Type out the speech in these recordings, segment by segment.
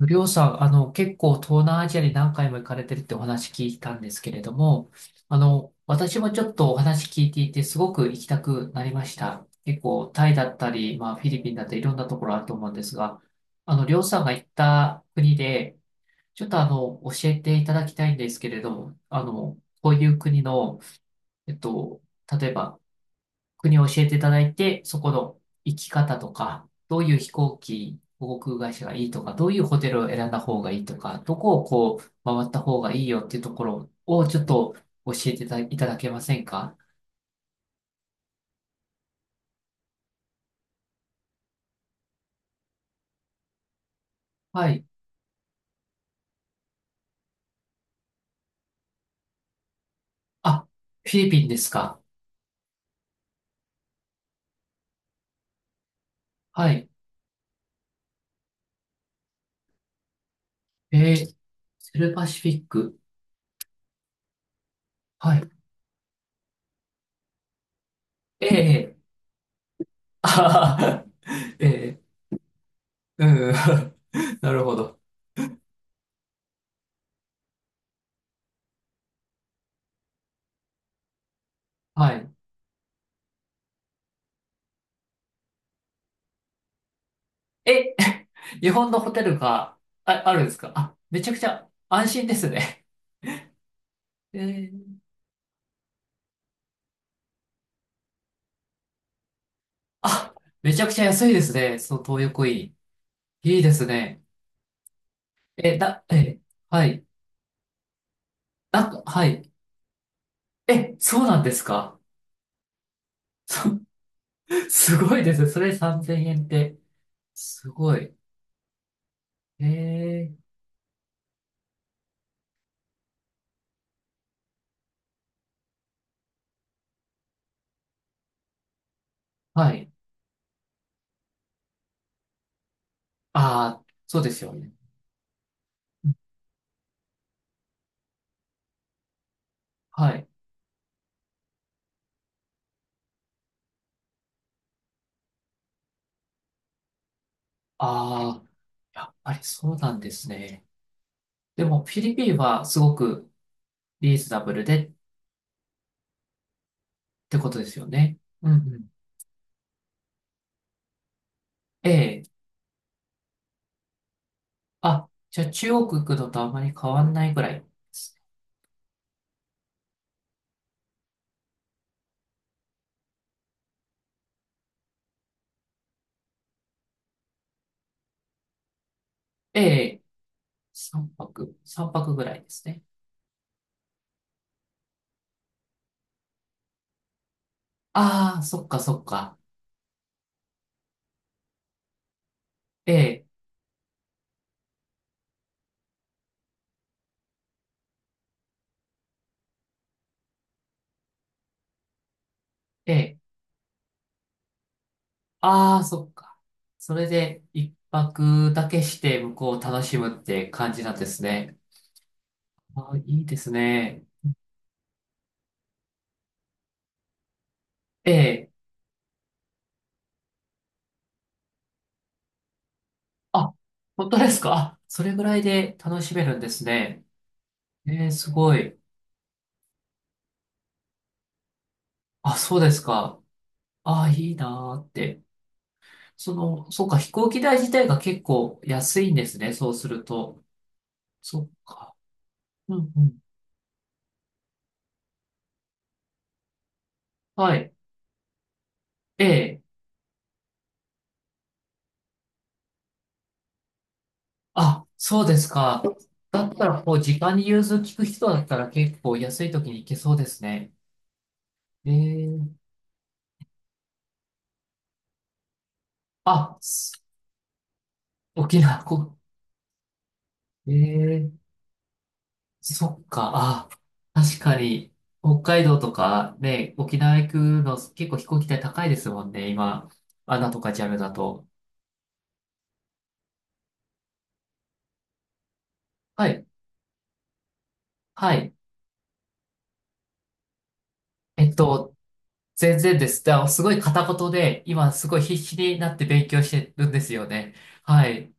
りょうさん、結構東南アジアに何回も行かれてるってお話聞いたんですけれども、私もちょっとお話聞いていて、すごく行きたくなりました。結構、タイだったり、まあ、フィリピンだったり、いろんなところあると思うんですが、りょうさんが行った国で、ちょっと教えていただきたいんですけれども、こういう国の、えっと、例えば、国を教えていただいて、そこの行き方とか、どういう飛行機、航空会社がいいとか、どういうホテルを選んだ方がいいとか、どこをこう回った方がいいよっていうところをちょっと教えていたいただけませんか？はい。あ、フィリピンですか？はい。えー、セルパシフィック。はい。ええ、あはは、ええ、うん。なるほど。はい。え、日本のホテルが、あ、あるんですかあ、めちゃくちゃ安心ですね。ええ、あ、めちゃくちゃ安いですね。その東横イン。いいですね。え、だ、え、はい。なんか、はい。え、そうなんですか。そ、すごいですね。それ3000円って。すごい。ええ、はい。ああ、そうですよね。うん、はい。ああ、やっぱりそうなんですね。でも、フィリピンはすごくリーズナブルでってことですよね。うんうん。ええ、あ、じゃあ中国行くのとあまり変わんないぐらいですね。え、三泊、三泊ぐらいですね。ああ、そっかそっか。ええ、ええ、ああ、そっか。それで一泊だけして向こうを楽しむって感じなんですね。ああ、いいですね。ええ、あ、本当ですか。あ、それぐらいで楽しめるんですね。ええ、すごい。あ、そうですか。ああ、いいなーって。そうか、飛行機代自体が結構安いんですね。そうすると。そっか。うんうん。はい。ええ。あ、そうですか。だったら、こう、時間に融通きく人だったら結構安い時に行けそうですね。えー、あ、沖縄、えー、そっか、あ、確かに、北海道とかね、沖縄行くの結構飛行機代高いですもんね、今。アナとかジャムだと。はい、はい。えっと、全然です。だからすごい片言で、今すごい必死になって勉強してるんですよね。はい。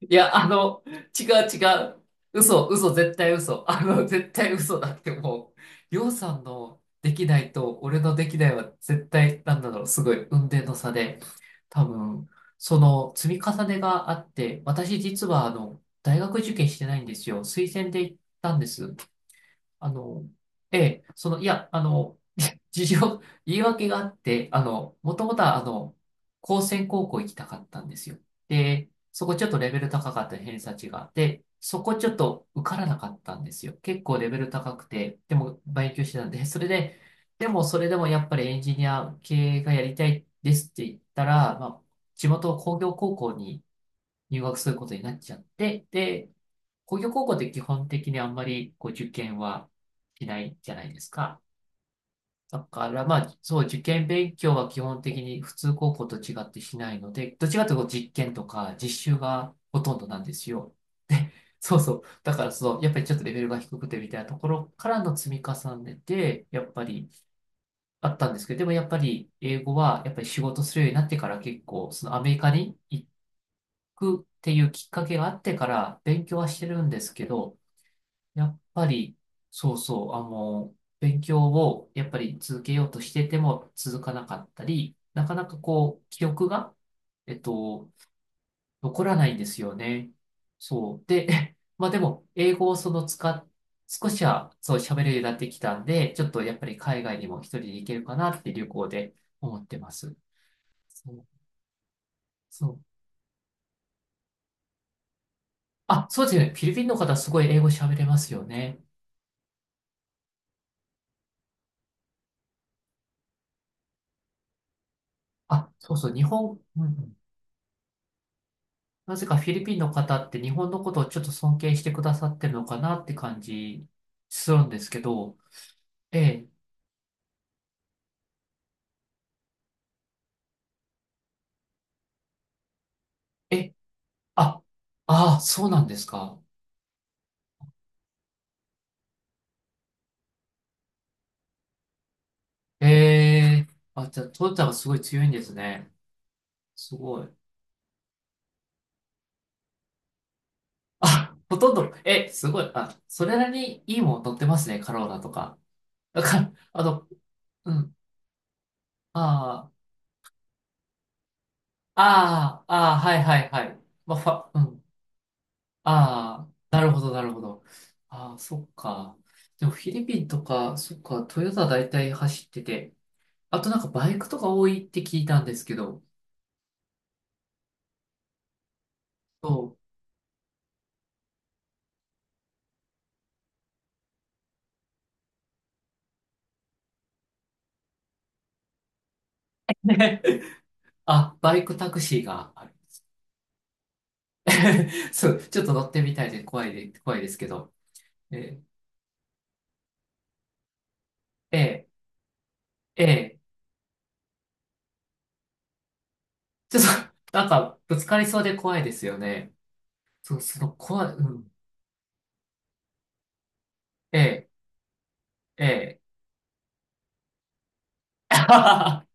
いや、違う違う。嘘、嘘、絶対嘘。絶対嘘だってもう、りょうさんのできないと、俺のできないは絶対、なんだろう、すごい、雲泥の差で、多分、その積み重ねがあって、私実は、大学受験してないんですよ。推薦で行ったんです。あの、ええ、いや、事情、言い訳があって、もともとは、高専高校行きたかったんですよ。で、そこちょっとレベル高かった偏差値があって、そこちょっと受からなかったんですよ。結構レベル高くて、でも勉強してたんで、それで、でもそれでもやっぱりエンジニア系がやりたいですって言ったら、まあ、地元工業高校に入学することになっちゃって、で、工業高校って基本的にあんまりこう受験はしないじゃないですか。だからまあ、そう、受験勉強は基本的に普通高校と違ってしないので、どっちかというと実験とか実習がほとんどなんですよ。で、そうそう。だからその、やっぱりちょっとレベルが低くてみたいなところからの積み重ねで、やっぱりあったんですけど、でもやっぱり英語はやっぱり仕事するようになってから結構、そのアメリカに行くっていうきっかけがあってから勉強はしてるんですけど、やっぱり、そうそう、勉強をやっぱり続けようとしてても続かなかったり、なかなかこう、記憶が、えっと、残らないんですよね。そう。で、まあでも、英語をその使っ、少しはそう喋れるようになってきたんで、ちょっとやっぱり海外にも一人で行けるかなって旅行で思ってます。そう、そう。あ、そうですね。フィリピンの方すごい英語喋れますよね。あ、そうそう。日本、うんうん、なぜかフィリピンの方って日本のことをちょっと尊敬してくださってるのかなって感じするんですけど、ええ、え、あ、ああ、そうなんですか。ええ、あ、じゃあ、トヨタがすごい強いんですね。すごい。あ、ほとんど、え、すごい。あ、それなりにいいもん乗ってますね、カローラとか。だから、うん、ああ、ああ、ああ、はいはいはい。まあ、うん。ああ、なるほど、なるほど。ああ、そっか。でもフィリピンとか、そっか、トヨタ大体走ってて、あとなんかバイクとか多いって聞いたんですけど、そう。ね。あ、バイクタクシーがある。そう、ちょっと乗ってみたいで怖いですけど。ええ、ええ、ええ、ちょっと、なんか、ぶつかりそうで怖いですよね。そう、その怖い、うん。ええ、ええ。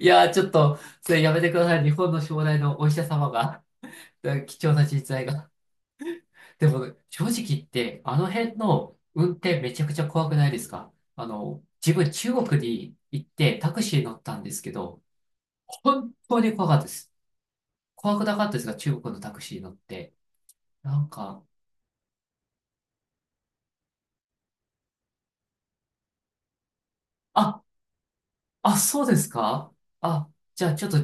いやー、ちょっと、それやめてください。日本の将来のお医者様が。で貴重な人材が。でも、正直言って、あの辺の運転めちゃくちゃ怖くないですか？自分中国に行ってタクシー乗ったんですけど、本当に怖かったです。怖くなかったですが、中国のタクシー乗って。なんか、あ、あ、そうですかあ、じゃあちょっと、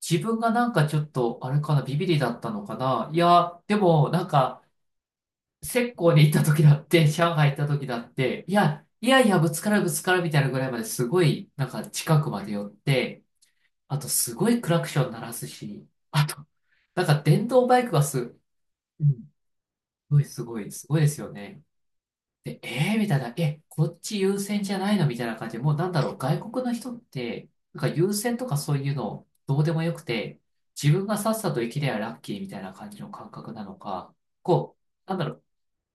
自分がなんかちょっと、あれかな、ビビリだったのかな。いや、でも、なんか、浙江に行った時だって、上海行った時だって、いや、いやいや、ぶつかるぶつかるみたいなぐらいまですごい、なんか近くまで寄って、あとすごいクラクション鳴らすし、あと、なんか電動バイクがうん、すごいすごい、すごいですよね。で、みたいな、え、こっち優先じゃないのみたいな感じで、もうなんだろう、外国の人って、なんか優先とかそういうのどうでもよくて、自分がさっさと生きればラッキーみたいな感じの感覚なのか、こ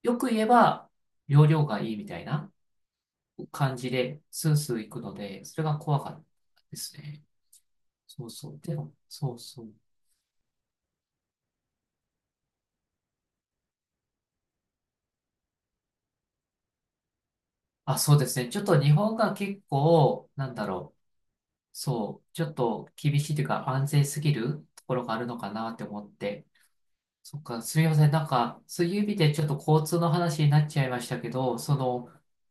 う、よく言えば、容量がいいみたいな。感じで、スースー行くので、それが怖かったですね。そうそう。でも、そうそう。あ、そうですね。ちょっと日本が結構、なんだろう。そう。ちょっと厳しいというか、安全すぎるところがあるのかなって思って。そっか、すみません。なんか、そういう意味でちょっと交通の話になっちゃいましたけど、その、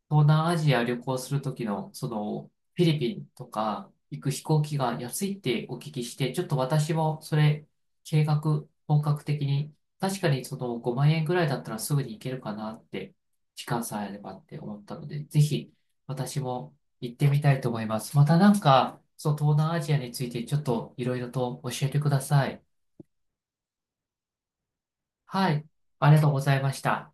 東南アジア旅行するときの、その、フィリピンとか行く飛行機が安いってお聞きして、ちょっと私もそれ、計画、本格的に、確かにその5万円ぐらいだったらすぐに行けるかなって、時間さえあればって思ったので、ぜひ私も行ってみたいと思います。またなんか、そう、東南アジアについてちょっといろいろと教えてください。はい。ありがとうございました。